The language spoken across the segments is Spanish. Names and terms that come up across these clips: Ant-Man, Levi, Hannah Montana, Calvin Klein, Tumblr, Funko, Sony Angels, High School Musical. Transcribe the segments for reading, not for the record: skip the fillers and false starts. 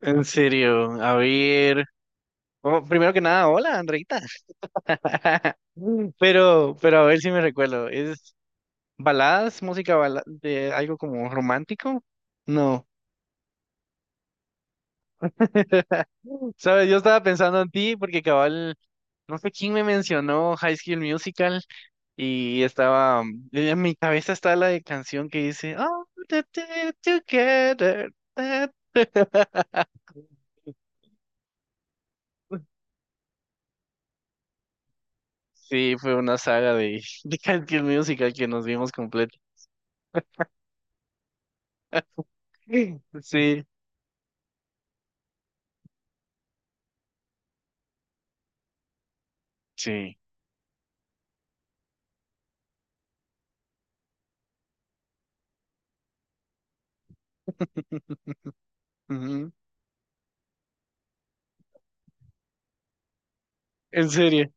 En serio, a ver. Oh, primero que nada, hola, Andreita. Pero a ver si me recuerdo. ¿Es baladas, de algo como romántico? No. Sabes, yo estaba pensando en ti porque cabal, no sé quién me mencionó High School Musical y estaba, en mi cabeza está la de canción que dice, "Oh, the two together. That-". Sí, fue una saga de, de High School Musical que nos vimos completa. Sí, sí. Ujú. En serio.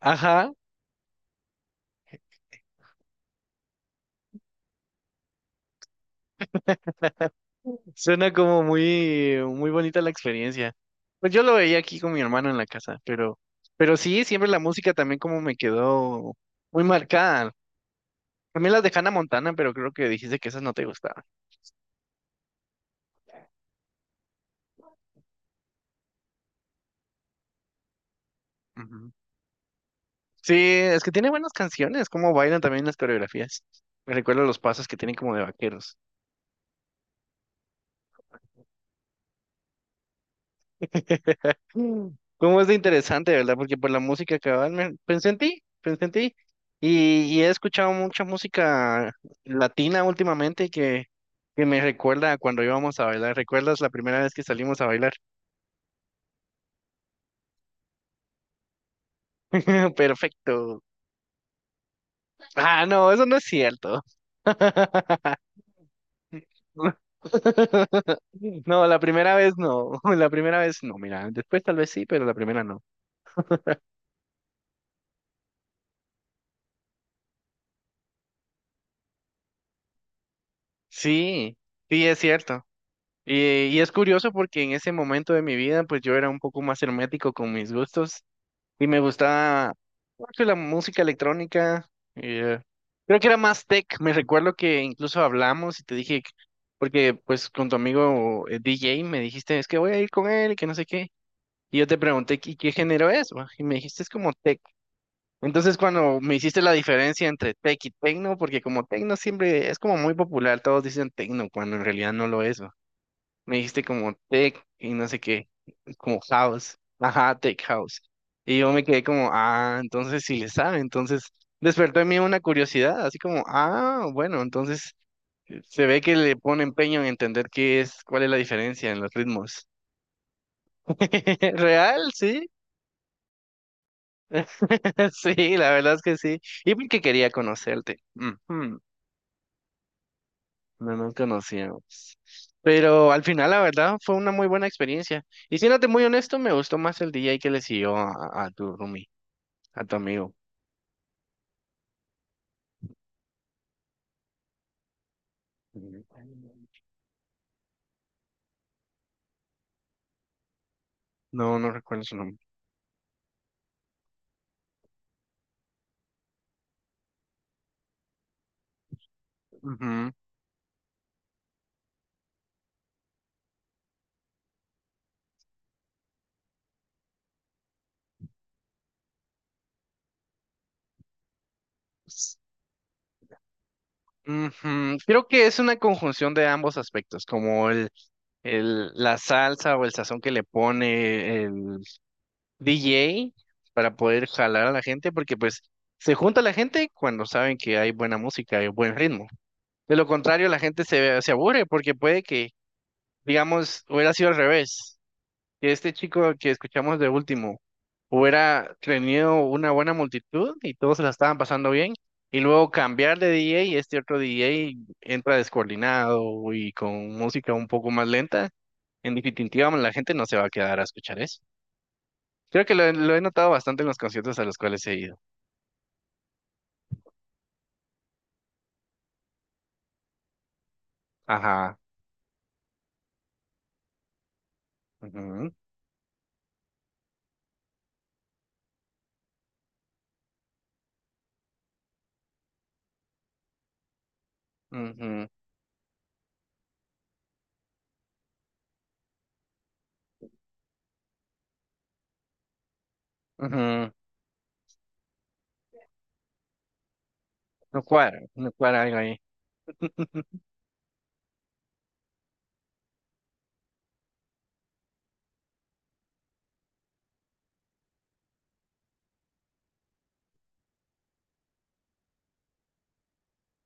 Ajá. Suena como muy, muy bonita la experiencia. Pues yo lo veía aquí con mi hermano en la casa, pero sí, siempre la música también como me quedó muy marcada. También las de Hannah Montana, pero creo que dijiste que esas no te gustaban. Ujú. Sí, es que tiene buenas canciones, como bailan también las coreografías. Me recuerdo los pasos que tienen como de vaqueros. ¿Cómo es de interesante, verdad? Porque por la música cabal, pensé en ti, pensé en ti. Y he escuchado mucha música latina últimamente que me recuerda a cuando íbamos a bailar. ¿Recuerdas la primera vez que salimos a bailar? Perfecto. Ah, no, eso no es cierto. No, la primera vez no, la primera vez no, mira, después tal vez sí, pero la primera no. Sí, sí, es cierto. Y es curioso porque en ese momento de mi vida, pues yo era un poco más hermético con mis gustos y me gustaba mucho la música electrónica. eh, Creo que era más tech. Me recuerdo que incluso hablamos y te dije, porque pues con tu amigo DJ me dijiste, es que voy a ir con él, que no sé qué. Y yo te pregunté, "¿y qué género es? Va?", y me dijiste, es como tech. Entonces cuando me hiciste la diferencia entre tech y techno, porque como techno siempre es como muy popular, todos dicen techno, cuando en realidad no lo es, ¿no? Me dijiste como tech y no sé qué, como house. Ajá, tech house. Y yo me quedé como, ah, entonces sí le sabe. Entonces despertó en mí una curiosidad, así como, ah, bueno, entonces se ve que le pone empeño en entender qué es, cuál es la diferencia en los ritmos. Real, sí. Sí, la verdad es que sí. Y porque quería conocerte. Ujú. No nos conocíamos. Pero al final, la verdad, fue una muy buena experiencia. Y siéndote muy honesto, me gustó más el DJ que le siguió a tu roomie, a tu amigo. Ujú. No, no recuerdo su nombre. Ujú. Ujú. Creo que es una conjunción de ambos aspectos, como la salsa o el sazón que le pone el DJ para poder jalar a la gente, porque pues se junta la gente cuando saben que hay buena música y buen ritmo. De lo contrario, la gente se aburre porque puede que, digamos, hubiera sido al revés, que este chico que escuchamos de último hubiera tenido una buena multitud y todos se la estaban pasando bien, y luego cambiar de DJ y este otro DJ entra descoordinado y con música un poco más lenta, en definitiva la gente no se va a quedar a escuchar eso. Creo que lo he notado bastante en los conciertos a los cuales he ido. Ajá. Ujú, ujú, ujú. No cuadra, no cuadra algo ahí.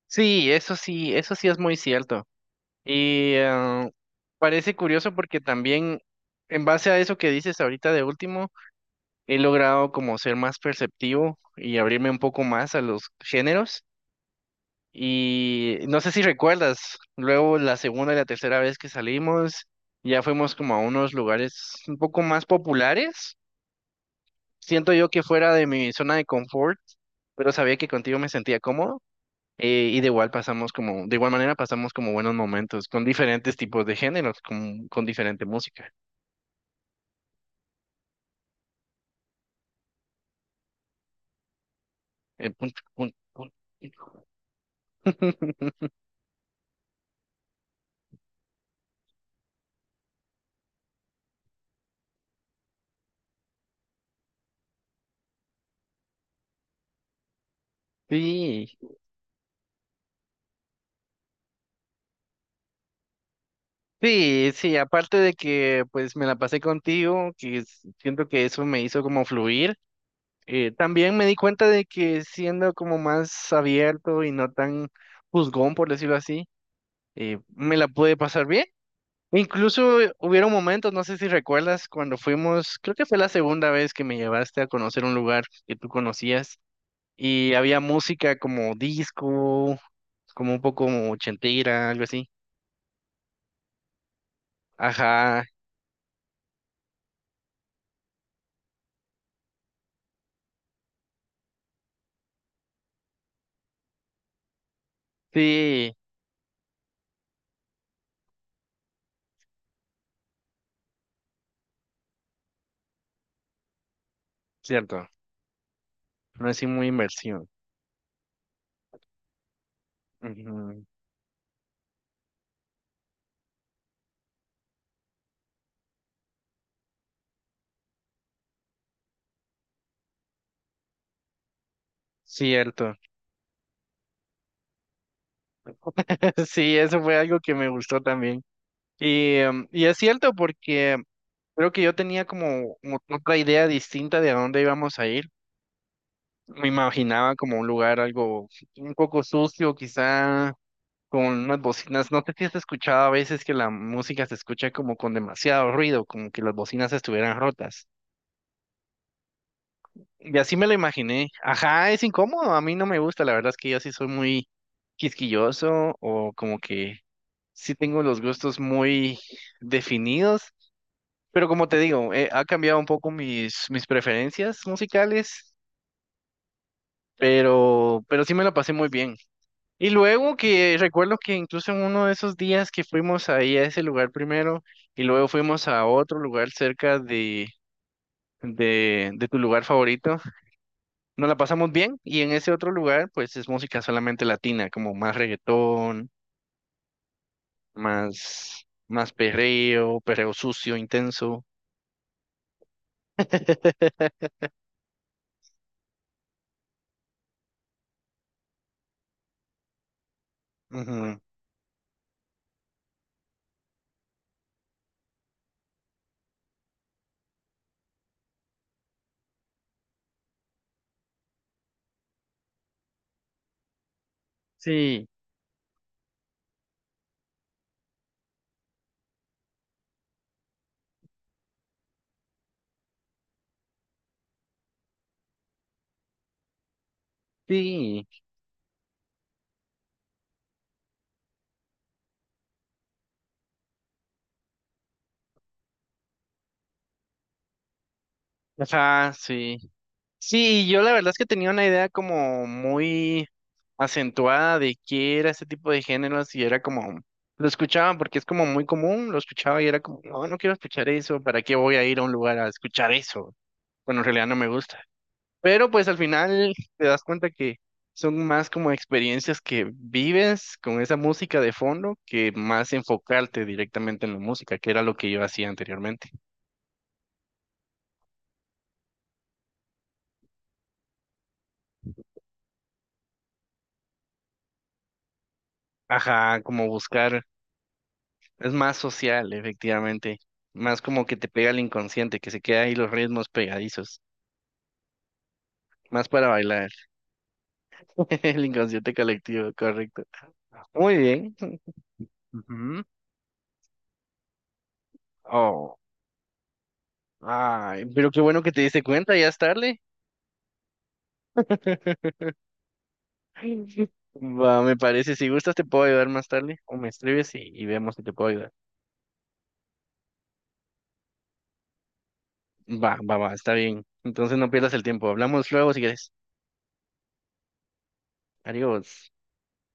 Sí, eso sí, eso sí es muy cierto. Y parece curioso porque también en base a eso que dices ahorita de último, he logrado como ser más perceptivo y abrirme un poco más a los géneros. Y no sé si recuerdas, luego la segunda y la tercera vez que salimos, ya fuimos como a unos lugares un poco más populares. Siento yo que fuera de mi zona de confort, pero sabía que contigo me sentía cómodo. Y de igual pasamos como, de igual manera pasamos como buenos momentos con diferentes tipos de géneros, con diferente música. Eh, pun- pun- pun- Sí, sí, sí, aparte de que pues me la pasé contigo, siento que eso me hizo como fluir, también me di cuenta de que siendo como más abierto y no tan juzgón, por decirlo así, me la pude pasar bien. Incluso hubieron momentos, no sé si recuerdas, cuando fuimos, creo que fue la segunda vez que me llevaste a conocer un lugar que tú conocías y había música como disco, como un poco como ochentera, algo así. Ajá, sí, cierto, no así muy inversión. Ujú. Cierto, sí, eso fue algo que me gustó también. Y, y es cierto porque creo que yo tenía como otra idea distinta de a dónde íbamos a ir. Me imaginaba como un lugar algo un poco sucio, quizá con unas bocinas. No sé si has escuchado a veces que la música se escucha como con demasiado ruido, como que las bocinas estuvieran rotas. Y así me lo imaginé. Ajá, es incómodo, a mí no me gusta, la verdad es que yo sí soy muy quisquilloso o como que sí tengo los gustos muy definidos, pero como te digo, ha cambiado un poco mis, mis preferencias musicales, pero sí me la pasé muy bien. Y luego que recuerdo que incluso en uno de esos días que fuimos ahí a ese lugar primero y luego fuimos a otro lugar cerca de tu lugar favorito, nos la pasamos bien y en ese otro lugar pues es música solamente latina, como más reggaetón, más, más perreo, perreo sucio, intenso. Ujú. Sí, sí, ajá, sí. Sí, yo la verdad es que tenía una idea como muy acentuada de qué era ese tipo de géneros y era como, lo escuchaba porque es como muy común, lo escuchaba y era como, no, no quiero escuchar eso, ¿para qué voy a ir a un lugar a escuchar eso? Bueno, en realidad no me gusta. Pero pues al final te das cuenta que son más como experiencias que vives con esa música de fondo que más enfocarte directamente en la música, que era lo que yo hacía anteriormente. Ajá, como buscar. Es más social, efectivamente. Más como que te pega el inconsciente, que se queda ahí los ritmos pegadizos. Más para bailar. El inconsciente colectivo, correcto. Muy bien. Ujú. Oh, ay, pero qué bueno que te diste cuenta, ya es tarde. Va, me parece. Si gustas, te puedo ayudar más tarde. O me escribes y vemos si te puedo ayudar. Va, va, va, está bien. Entonces no pierdas el tiempo. Hablamos luego si quieres. Adiós.